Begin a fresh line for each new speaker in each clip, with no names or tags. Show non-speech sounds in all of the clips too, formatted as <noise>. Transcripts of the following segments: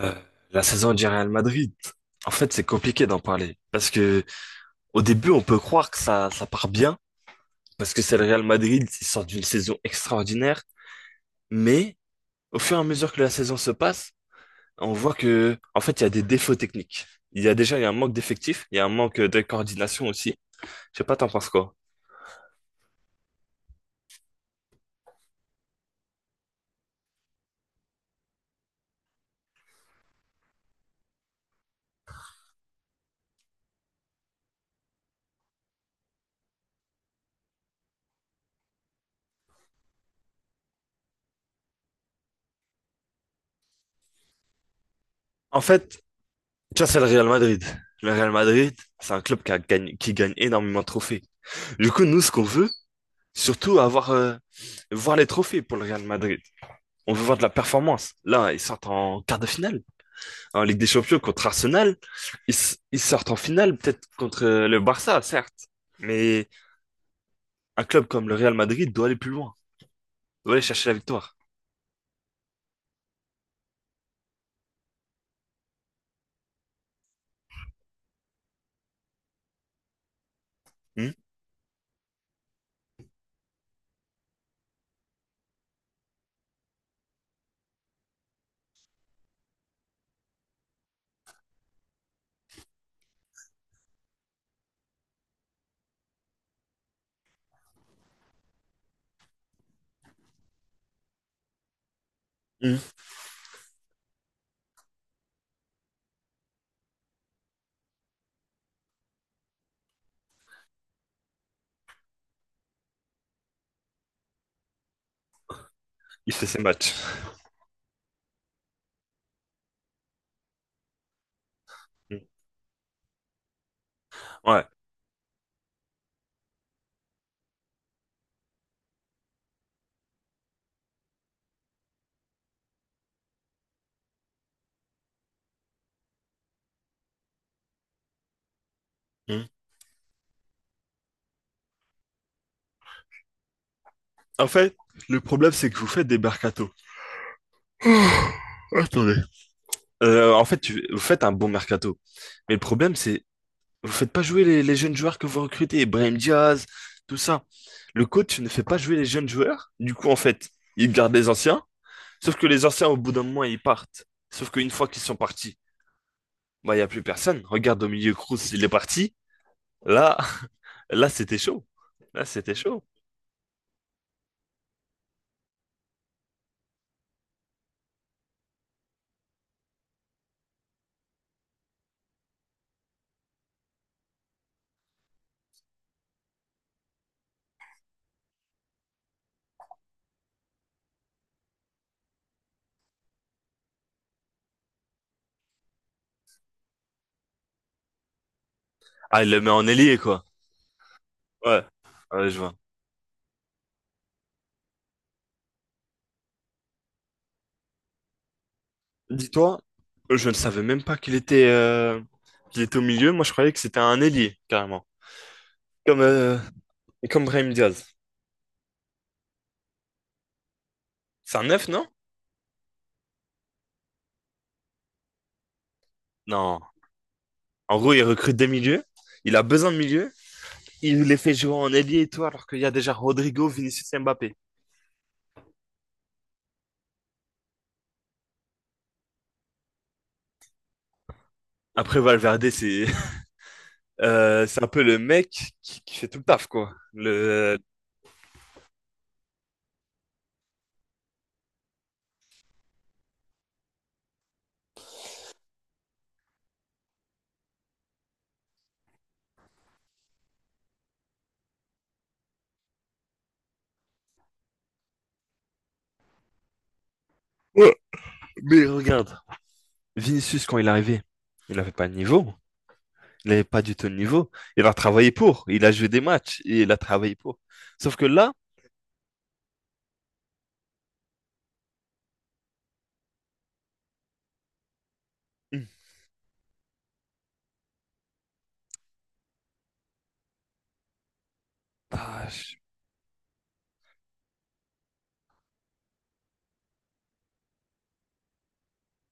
Euh, la saison du Real Madrid, en fait, c'est compliqué d'en parler parce que au début, on peut croire que ça part bien parce que c'est le Real Madrid, ils sortent d'une saison extraordinaire, mais au fur et à mesure que la saison se passe, on voit que, en fait, il y a des défauts techniques. Il y a déjà, il y a un manque d'effectifs, il y a un manque de coordination aussi. Je sais pas, t'en penses quoi? En fait, tu vois, c'est le Real Madrid. Le Real Madrid, c'est un club qui a gagné- qui gagne énormément de trophées. Du coup, nous, ce qu'on veut, surtout avoir, voir les trophées pour le Real Madrid. On veut voir de la performance. Là, ils sortent en quart de finale. En Ligue des Champions contre Arsenal, ils sortent en finale peut-être contre le Barça, certes. Mais un club comme le Real Madrid doit aller plus loin. Doit aller chercher la victoire. Hmm. Hmm. Il fait ses matchs. Hmm. Ouais. Hmm. En fait, le problème, c'est que vous faites des mercatos. Attendez. En fait, vous faites un bon mercato. Mais le problème, c'est. Vous faites pas jouer les jeunes joueurs que vous recrutez, Brahim Diaz, tout ça. Le coach ne fait pas jouer les jeunes joueurs. Du coup, en fait, il garde les anciens. Sauf que les anciens, au bout d'un moment, ils partent. Sauf qu'une fois qu'ils sont partis, bah, il n'y a plus personne. Regarde au milieu, Kroos, il est parti. Là, <laughs> là, c'était chaud. Là, c'était chaud. Ah, il le met en ailier, quoi. Ouais. Ouais, je vois. Dis-toi, je ne savais même pas qu'il était, qu'il était au milieu. Moi, je croyais que c'était un ailier, carrément. Comme, euh, comme Brahim Diaz. C'est un neuf, non? Non. En gros, il recrute des milieux. Il a besoin de milieux. Il les fait jouer en ailier et tout, alors qu'il y a déjà Rodrigo, Vinicius et Mbappé. Après, Valverde, c'est <laughs> c'est un peu le mec qui fait tout le taf, quoi. Le. Ouais. Mais regarde, Vinicius, quand il est arrivé, il n'avait pas de niveau. Il n'avait pas du tout de niveau. Il a travaillé pour. Il a joué des matchs et il a travaillé pour. Sauf que là, hmm, ah,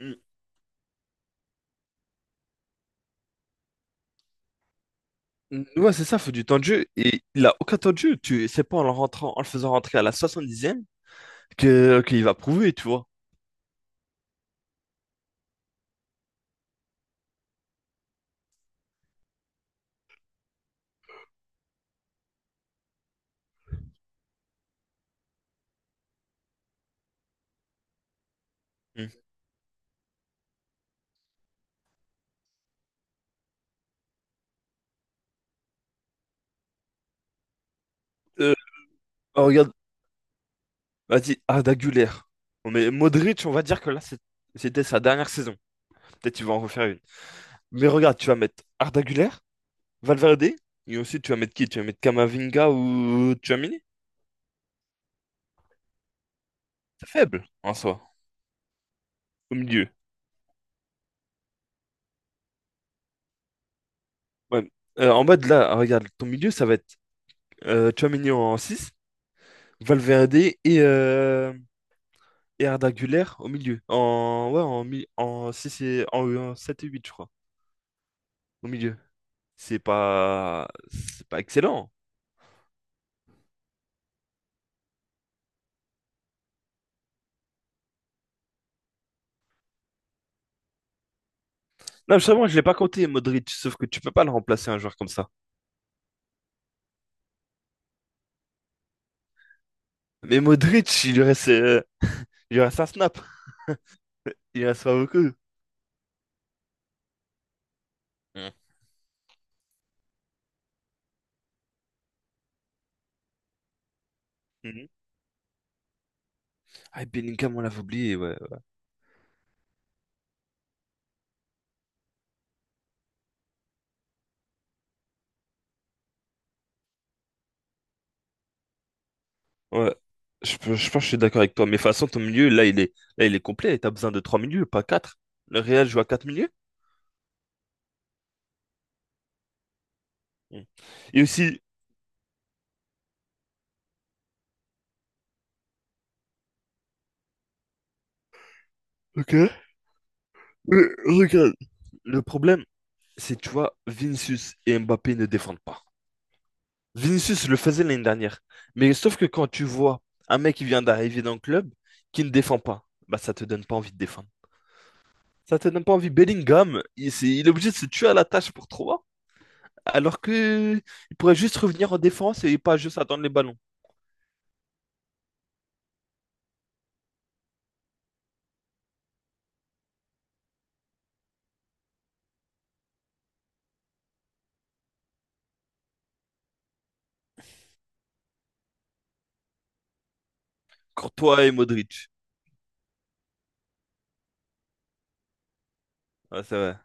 mm, mm, ouais, c'est ça, il faut du temps de jeu. Et il a aucun temps de jeu. Tu. C'est pas en le rentrant, en le faisant rentrer à la 70e qu'il va prouver, tu vois. Mm. Euh, oh, regarde, vas-y, Arda Güler. On met Modric, on va dire que là, c'était sa dernière saison. Peut-être qu'il va en refaire une. Mais regarde, tu vas mettre Arda Güler, Valverde, et ensuite tu vas mettre qui? Tu vas mettre Kamavinga ou Tchouaméni? C'est faible, en soi, au milieu. Ouais. En bas de là, regarde, ton milieu, ça va être Tchouaméni en six, Valverde et, euh, et Arda Güler au milieu. En, ouais, en, en 6 et en 7 et 8 je crois, au milieu. C'est pas excellent. Non, justement, je l'ai pas compté Modric, sauf que tu peux pas le remplacer un joueur comme ça. Mais Modric, il lui reste un snap, il reste pas beaucoup. Mm. Mhm. Ah, et Bellingham, on l'avait oublié, ouais. Ouais, je pense que je suis d'accord avec toi. Mais de toute façon, ton milieu, là, il est complet. Et t'as besoin de trois milieux, pas quatre. Le Real joue à quatre milieux. Mm. Et aussi, ok, regarde, le problème, c'est, tu vois, Vinicius et Mbappé ne défendent pas. Vinicius le faisait l'année dernière. Mais sauf que quand tu vois un mec qui vient d'arriver dans le club, qui ne défend pas, bah ça te donne pas envie de défendre. Ça te donne pas envie. Bellingham, il est obligé de se tuer à la tâche pour 3, alors que il pourrait juste revenir en défense et pas juste attendre les ballons. Courtois et Modric. Ouais, c'est vrai.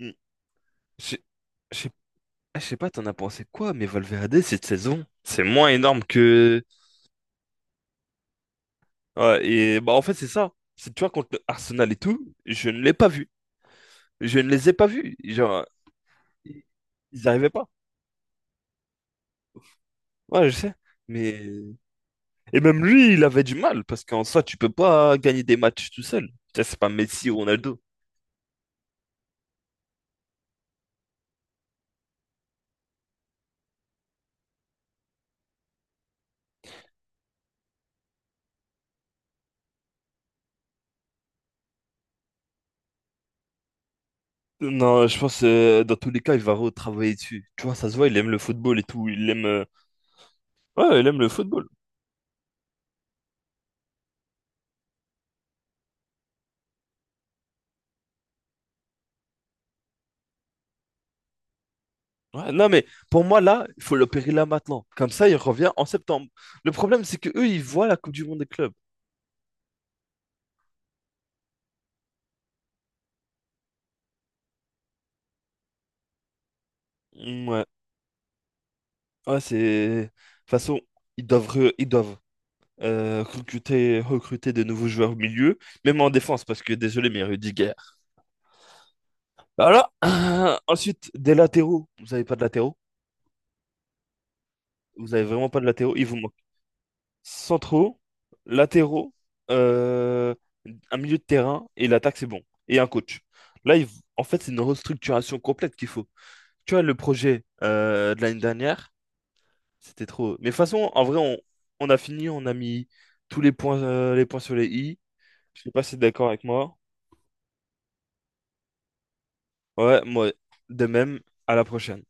Mm. Je je sais je sais pas, t'en as pensé quoi, mais Valverde, cette saison, c'est moins énorme que. Ouais, et bah en fait, c'est ça. C'est, tu vois, contre Arsenal et tout, je ne l'ai pas vu. Je ne les ai pas vus. Genre, ils n'arrivaient pas. Ouais, je sais. Mais. Et même lui, il avait du mal, parce qu'en soi, tu peux pas gagner des matchs tout seul. Tu sais, c'est pas Messi ou Ronaldo. Non, je pense dans tous les cas, il va retravailler dessus. Tu vois, ça se voit, il aime le football et tout. Il aime. Ouais, il aime le football. Ouais, non, mais pour moi, là, il faut l'opérer là maintenant. Comme ça, il revient en septembre. Le problème, c'est que eux, ils voient la Coupe du Monde des clubs. Ouais, ouais, c'est. De toute façon, ils doivent recruter de nouveaux joueurs au milieu, même en défense, parce que désolé, mais Rudiger. Bah, voilà. <clears throat> Ensuite, des latéraux. Vous n'avez pas de latéraux. Vous n'avez vraiment pas de latéraux. Il vous manque centraux, latéraux, euh, un milieu de terrain et l'attaque, c'est bon. Et un coach. Là, en fait, c'est une restructuration complète qu'il faut. Tu vois, le projet de l'année dernière, c'était trop. Mais de toute façon, en vrai, on a fini, on a mis tous les points sur les i. Je sais pas si t'es d'accord avec moi. Ouais, moi, de même, à la prochaine.